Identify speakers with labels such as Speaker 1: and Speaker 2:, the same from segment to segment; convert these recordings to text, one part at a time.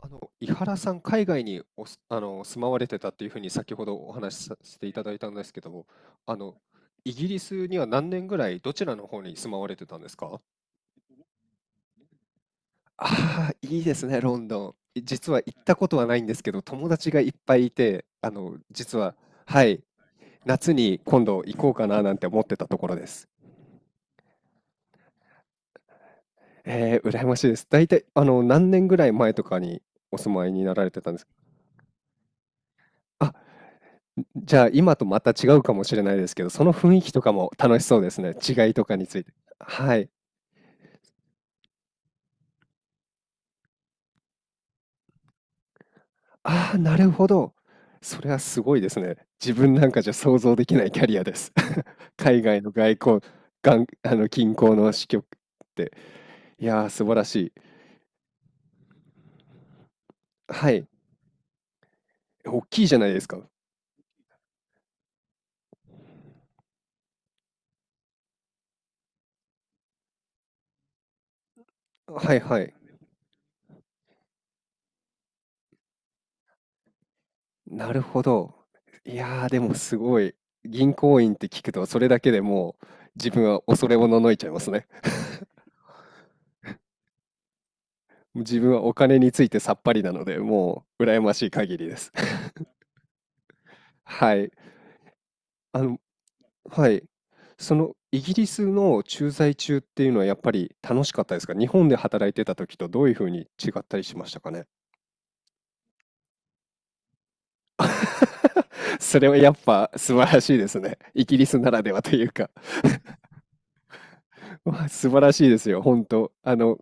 Speaker 1: 井原さん、海外におす、あの、住まわれてたっていうふうに先ほどお話しさせていただいたんですけども、あの、イギリスには何年ぐらいどちらの方に住まわれてたんですか？あいいですね、ロンドン。実は行ったことはないんですけど、友達がいっぱいいて、はい、夏に今度行こうかななんて思ってたところです。羨ましいです。大体、何年ぐらい前とかにお住まいになられてたんですか？じゃあ今とまた違うかもしれないですけど、その雰囲気とかも楽しそうですね。違いとかについて。はい。ああ、なるほど。それはすごいですね。自分なんかじゃ想像できないキャリアです。海外の外交、がんあの近郊の支局って。いやー、素晴らしい。はい。大きいじゃないですか。はいはい。なるほど。いやー、でもすごい。銀行員って聞くと、それだけでもう自分は恐れおののいちゃいますね。自分はお金についてさっぱりなので、もう羨ましい限りです。はい。あの、はい。そのイギリスの駐在中っていうのはやっぱり楽しかったですか？日本で働いてた時とどういうふうに違ったりしましたかね？ それはやっぱ素晴らしいですね。イギリスならではというか。まあ素晴らしいですよ、本当。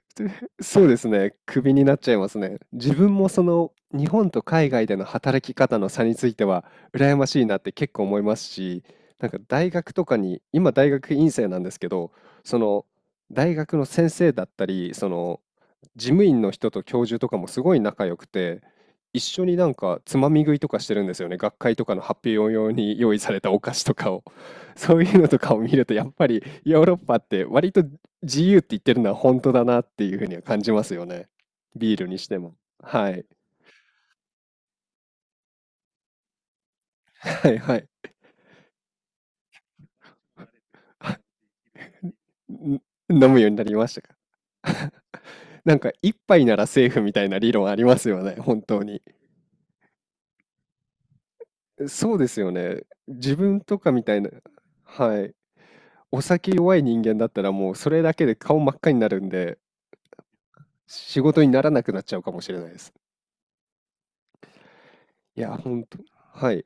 Speaker 1: でそうですね。クビになっちゃいますね。自分もその日本と海外での働き方の差については羨ましいなって結構思いますし、なんか大学とかに、今大学院生なんですけど、その大学の先生だったり、その事務員の人と教授とかもすごい仲良くて、一緒になんかつまみ食いとかしてるんですよね。学会とかの発表用に用意されたお菓子とかを。そういうのとかを見ると、やっぱりヨーロッパって割と自由って言ってるのは本当だなっていうふうには感じますよね。ビールにしても。はい。はいはい。ん飲むようになりましたか？なんか一杯ならセーフみたいな理論ありますよね、本当に。そうですよね。自分とかみたいな、はい。お酒弱い人間だったらもうそれだけで顔真っ赤になるんで、仕事にならなくなっちゃうかもしれないです。いや、本当。はい。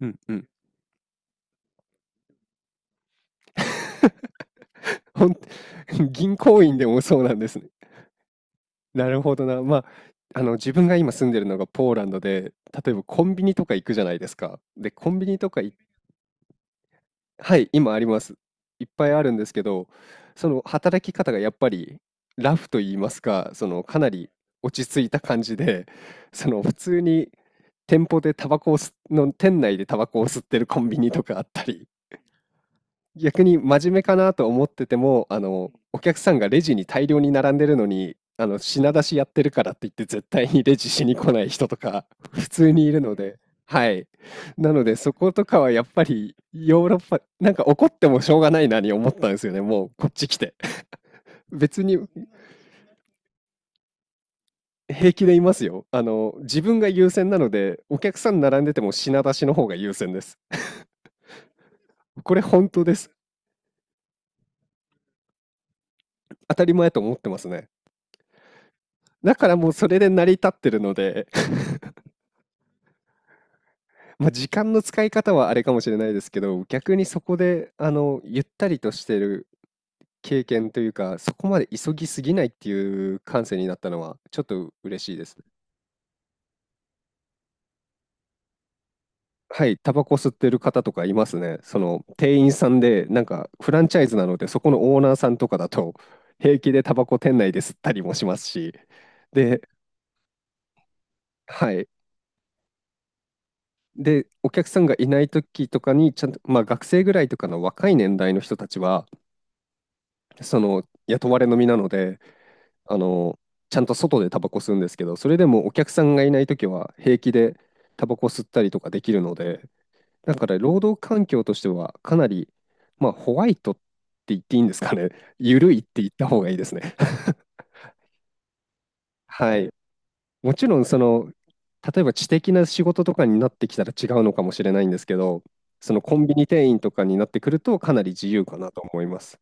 Speaker 1: うんうん。ほん、銀行員でもそうなんですね。なるほどな。まあ、自分が今住んでるのがポーランドで、例えばコンビニとか行くじゃないですか。で、コンビニとかい、はい、今あります。いっぱいあるんですけど、その働き方がやっぱりラフと言いますか、そのかなり落ち着いた感じで、その普通に店内でタバコを吸ってるコンビニとかあったり、逆に真面目かなと思ってても、お客さんがレジに大量に並んでるのに、品出しやってるからって言って絶対にレジしに来ない人とか、 普通にいるので、はい。なので、そことかはやっぱりヨーロッパ、なんか怒ってもしょうがないなに思ったんですよね、もうこっち来て。別に平気でいますよ。自分が優先なので、お客さん並んでても品出しの方が優先です。これ本当です。当たり前と思ってますね。だからもうそれで成り立ってるので、まあ、時間の使い方はあれかもしれないですけど、逆にそこで、ゆったりとしてる経験というか、そこまで急ぎすぎないっていう感性になったのは、ちょっと嬉しいです。はい、タバコ吸ってる方とかいますね。その、店員さんで、なんか、フランチャイズなので、そこのオーナーさんとかだと、平気でタバコ店内で吸ったりもしますし、で、はい。で、お客さんがいない時とかに、ちゃんと、まあ、学生ぐらいとかの若い年代の人たちは、その、雇われの身なので、あの、ちゃんと外でタバコ吸うんですけど、それでもお客さんがいないときは平気でタバコ吸ったりとかできるので、だから労働環境としてはかなり、まあ、ホワイトって言っていいんですかね。緩いって言った方がいいですね。はい。もちろん、その、例えば知的な仕事とかになってきたら違うのかもしれないんですけど、そのコンビニ店員とかになってくるとかなり自由かなと思います。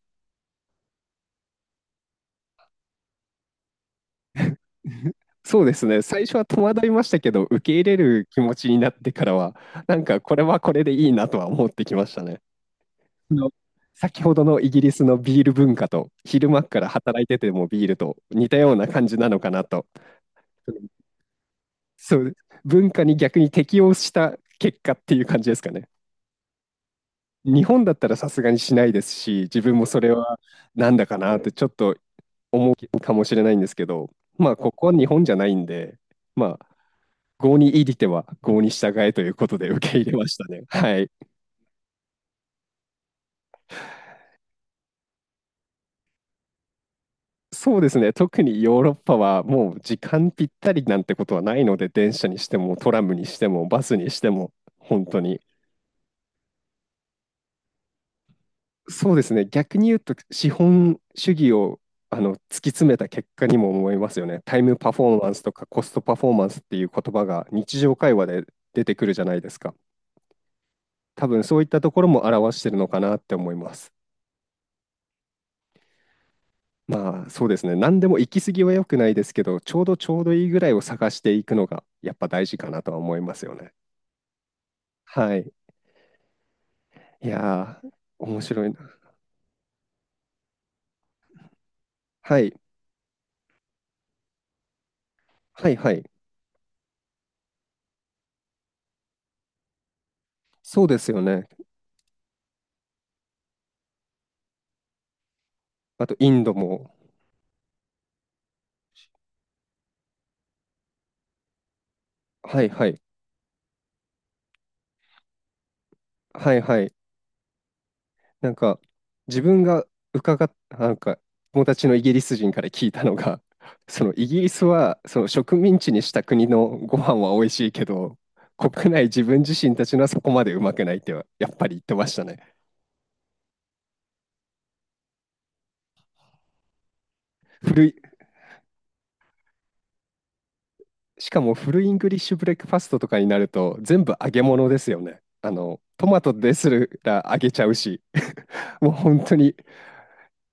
Speaker 1: そうですね。最初は戸惑いましたけど、受け入れる気持ちになってからは、なんかこれはこれでいいなとは思ってきましたね。あの先ほどのイギリスのビール文化と、昼間から働いててもビールと似たような感じなのかなと。そう、文化に逆に適応した結果っていう感じですかね。日本だったらさすがにしないですし、自分もそれはなんだかなってちょっと思うかもしれないんですけど、まあここは日本じゃないんで、まあ郷に入りては郷に従えということで受け入れましたね。はい。そうですね。特にヨーロッパはもう時間ぴったりなんてことはないので、電車にしてもトラムにしてもバスにしても本当に。そうですね。逆に言うと資本主義を突き詰めた結果にも思いますよね。タイムパフォーマンスとかコストパフォーマンスっていう言葉が日常会話で出てくるじゃないですか。多分そういったところも表してるのかなって思います。まあそうですね。何でも行き過ぎは良くないですけど、ちょうどいいぐらいを探していくのがやっぱ大事かなとは思いますよね。はい。いやー、面白いな。はい。はいはい。そうですよね。あとインドも。はいはい。はいはい。なんか自分が伺っ、なんか友達のイギリス人から聞いたのが、そのイギリスはその植民地にした国のご飯は美味しいけど、国内自分自身たちのはそこまでうまくないってはやっぱり言ってましたね。古い、しかもフルイングリッシュブレックファストとかになると全部揚げ物ですよね。あの、トマトですら揚げちゃうし、もう本当に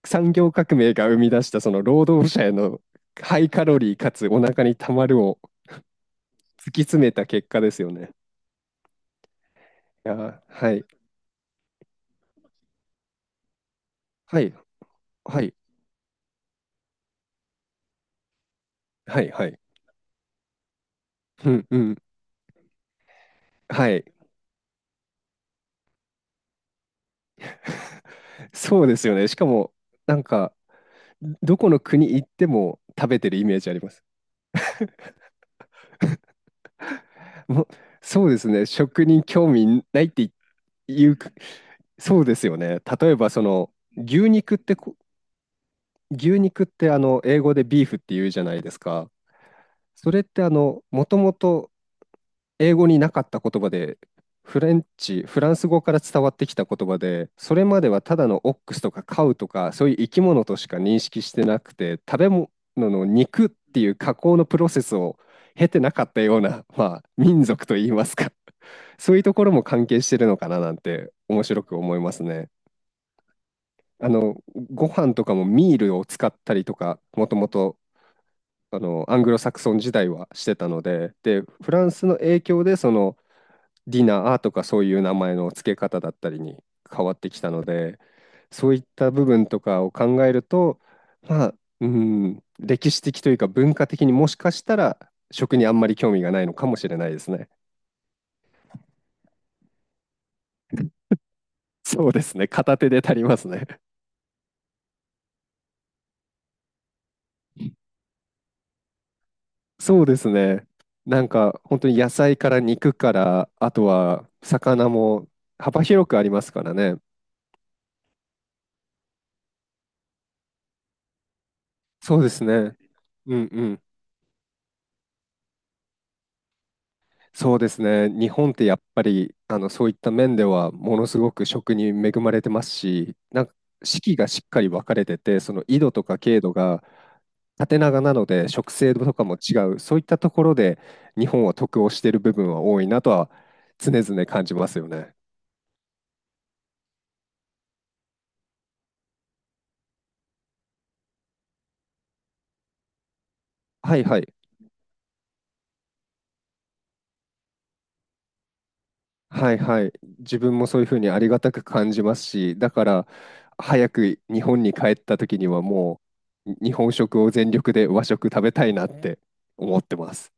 Speaker 1: 産業革命が生み出したその労働者へのハイカロリーかつお腹にたまるを突き詰めた結果ですよね。いやー、はい、はい、はい、はい、はい。うん、うん、はい。そうですよね。しかも、なんか、どこの国行っても食べてるイメージあります。もうそうですね。食に興味ないって言っいうく、そうですよね。例えば、その、牛肉ってあの、英語でビーフって言うじゃないですか。それってあの、もともと英語になかった言葉で、フレンチ、フランス語から伝わってきた言葉で、それまではただのオックスとかカウとか、そういう生き物としか認識してなくて、食べ物の肉っていう加工のプロセスを経てなかったような、まあ、民族といいますか。そういうところも関係してるのかななんて面白く思いますね。あの、ご飯とかもミールを使ったりとか、もともと、アングロサクソン時代はしてたので、で、フランスの影響で、その、ディナーとかそういう名前の付け方だったりに変わってきたので、そういった部分とかを考えると、まあ、うん、歴史的というか文化的にもしかしたら食にあんまり興味がないのかもしれないですね。そうですね。片手で足りますね。そうですね。なんか本当に野菜から肉から、あとは魚も幅広くありますからね。そうですね。うんうん。そうですね。日本ってやっぱりあのそういった面ではものすごく食に恵まれてますし、なんか四季がしっかり分かれてて、その緯度とか経度が縦長なので食性とかも違う、そういったところで日本は得をしている部分は多いなとは常々感じますよね。はいはい。はいはい。自分もそういうふうにありがたく感じますし、だから早く日本に帰った時にはもう日本食を全力で和食食べたいなって思ってます。